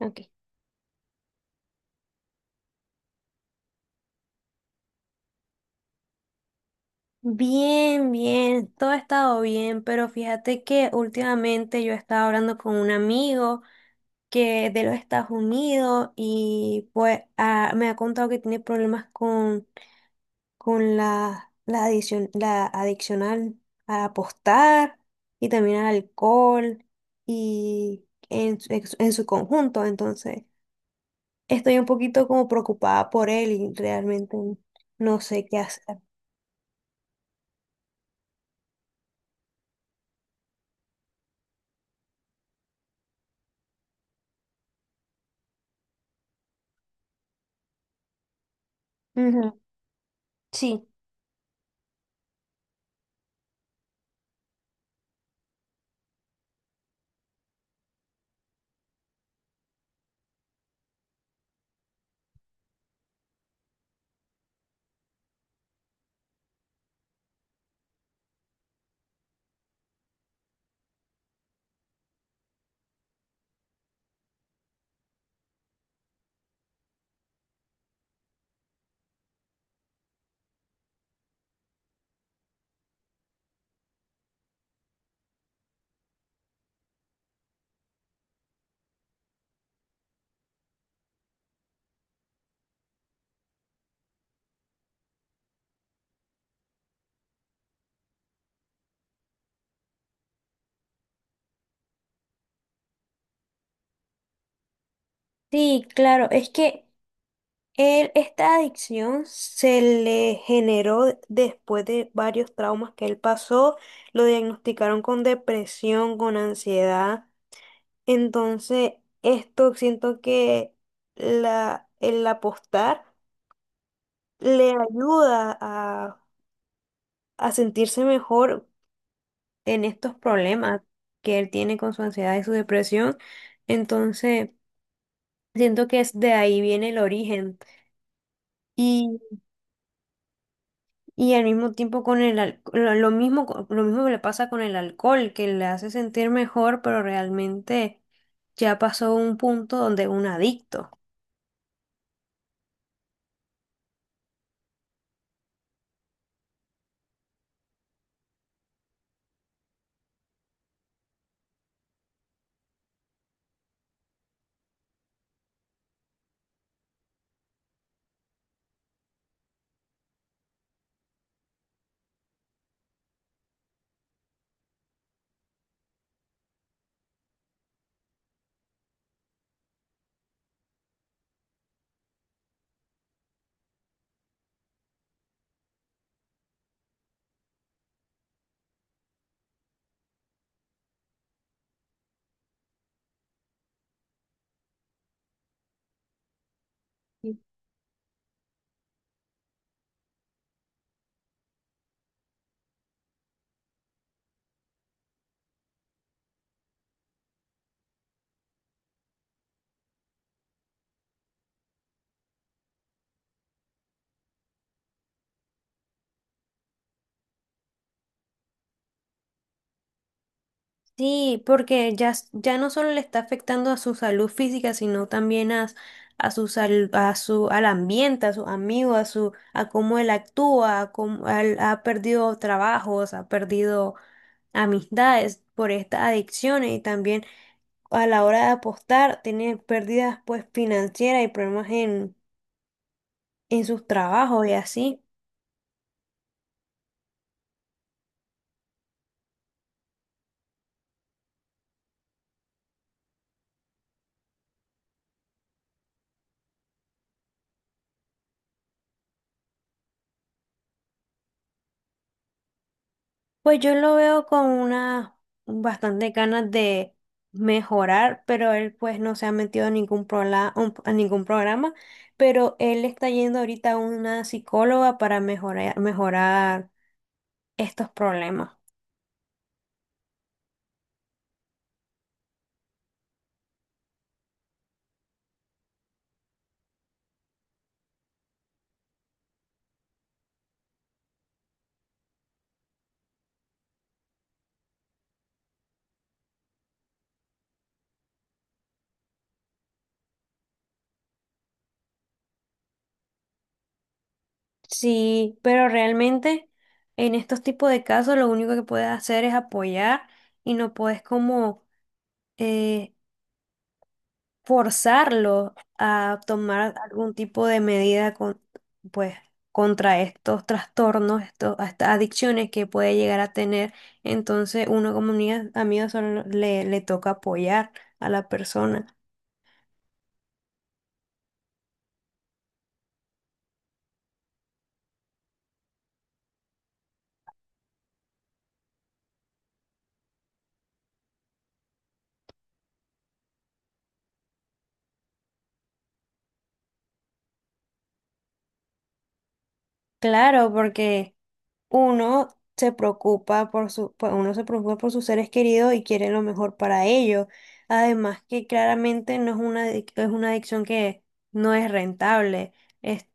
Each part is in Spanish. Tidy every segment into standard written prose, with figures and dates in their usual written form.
Ok. Bien, bien, todo ha estado bien, pero fíjate que últimamente yo estaba hablando con un amigo que de los Estados Unidos y pues me ha contado que tiene problemas con la adicción, la adicción a apostar y también al alcohol y en su conjunto. Entonces, estoy un poquito como preocupada por él y realmente no sé qué hacer. Ujú. Sí. Sí, claro, es que él, esta adicción se le generó después de varios traumas que él pasó, lo diagnosticaron con depresión, con ansiedad, entonces esto siento que el apostar le ayuda a sentirse mejor en estos problemas que él tiene con su ansiedad y su depresión, entonces siento que es de ahí viene el origen. Y al mismo tiempo con el lo mismo, lo mismo me le pasa con el alcohol, que le hace sentir mejor, pero realmente ya pasó un punto donde es un adicto. Sí, porque ya no solo le está afectando a su salud física, sino también a su al ambiente, a sus amigos, a su, a cómo él actúa, a ha perdido trabajos, ha perdido amistades por estas adicciones y también a la hora de apostar, tenían pérdidas pues financieras y problemas en sus trabajos y así. Pues yo lo veo con una bastante ganas de mejorar, pero él pues no se ha metido a ningún a ningún programa, pero él está yendo ahorita a una psicóloga para mejorar, mejorar estos problemas. Sí, pero realmente en estos tipos de casos lo único que puedes hacer es apoyar y no puedes como eh, forzarlo a tomar algún tipo de medida con, pues, contra estos trastornos, estos, a estas adicciones que puede llegar a tener. Entonces, uno como amiga, amigo solo le toca apoyar a la persona. Claro, porque uno se preocupa por su, pues, uno se preocupa por sus seres queridos y quiere lo mejor para ellos. Además que claramente no es una, es una adicción que no es rentable. Es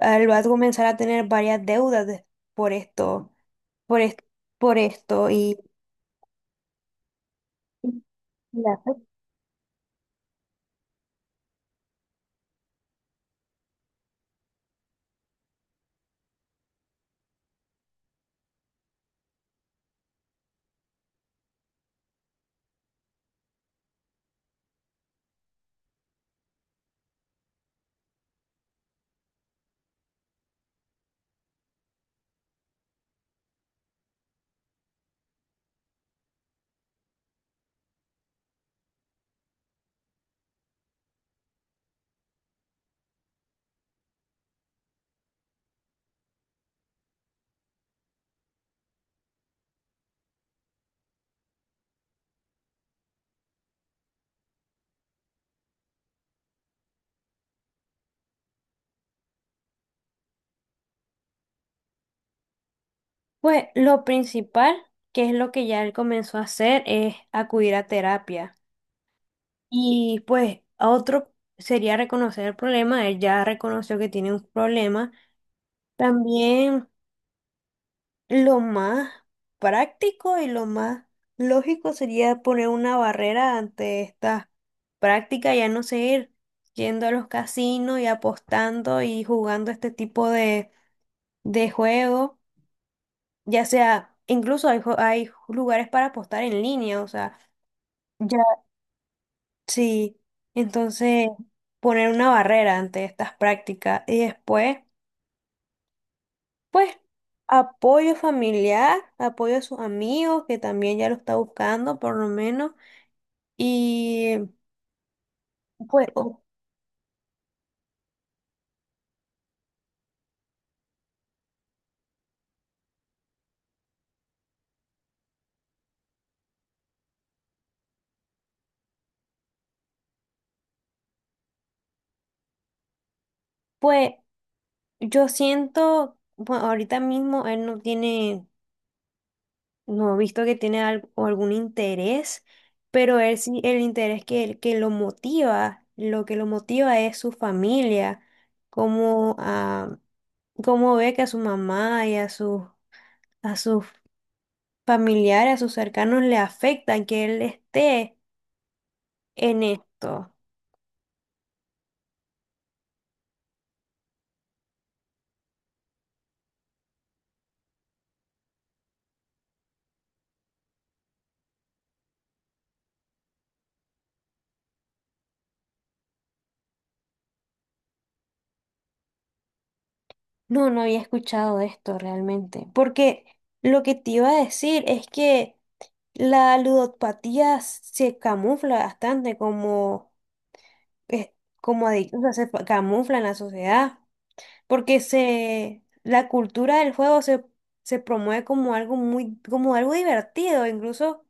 él va a comenzar a tener varias por esto, por, es- por esto y le afecta. Pues lo principal, que es lo que ya él comenzó a hacer, es acudir a terapia. Y pues a otro sería reconocer el problema, él ya reconoció que tiene un problema. También lo más práctico y lo más lógico sería poner una barrera ante esta práctica, ya no seguir yendo a los casinos y apostando y jugando este tipo de juego. Ya sea, incluso hay, hay lugares para apostar en línea, o sea, ya sí. Entonces, poner una barrera ante estas prácticas y después. Pues apoyo familiar, apoyo a sus amigos, que también ya lo está buscando por lo menos. Y pues, pues yo siento, bueno, ahorita mismo él no tiene, no he visto que tiene al- o algún interés, pero él sí, el interés que, que lo motiva, lo que lo motiva es su familia, como a cómo ve que a su mamá y a sus familiares, a sus cercanos le afecta que él esté en esto. No, no había escuchado de esto realmente, porque lo que te iba a decir es que la ludopatía se camufla bastante como, es- como adicción, o sea, se camufla en la sociedad, porque la cultura del juego se promueve como algo muy, como algo divertido, incluso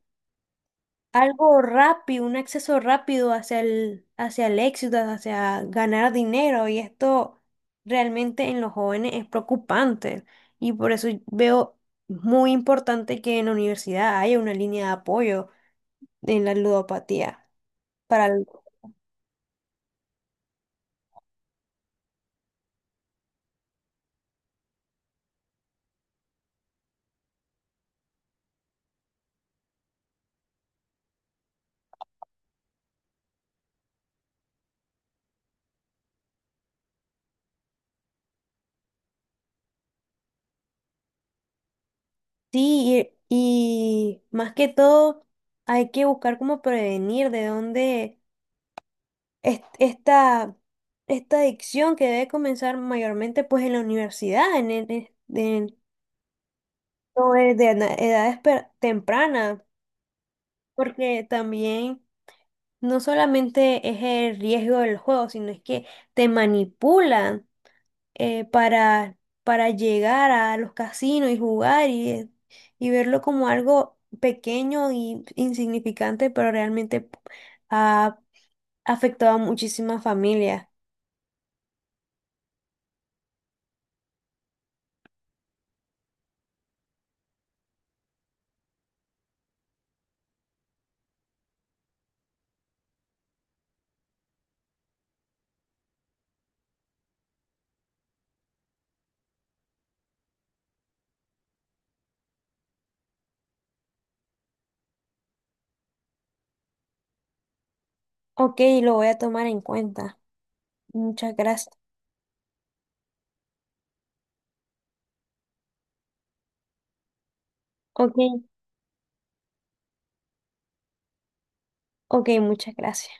algo rápido, un acceso rápido hacia el éxito, hacia ganar dinero. Y esto realmente en los jóvenes es preocupante. Y por eso veo muy importante que en la universidad haya una línea de apoyo en la ludopatía. Para el- sí, y más que todo, hay que buscar cómo prevenir de dónde esta esta adicción que debe comenzar mayormente pues en la universidad, en no, es de edades tempranas, porque también no solamente es el riesgo del juego, sino es que te manipulan eh, para, para llegar a los casinos y jugar y verlo como algo pequeño y insignificante, pero realmente ha afectado a muchísimas familias. Ok, lo voy a tomar en cuenta. Muchas gracias. Ok, ok, muchas gracias.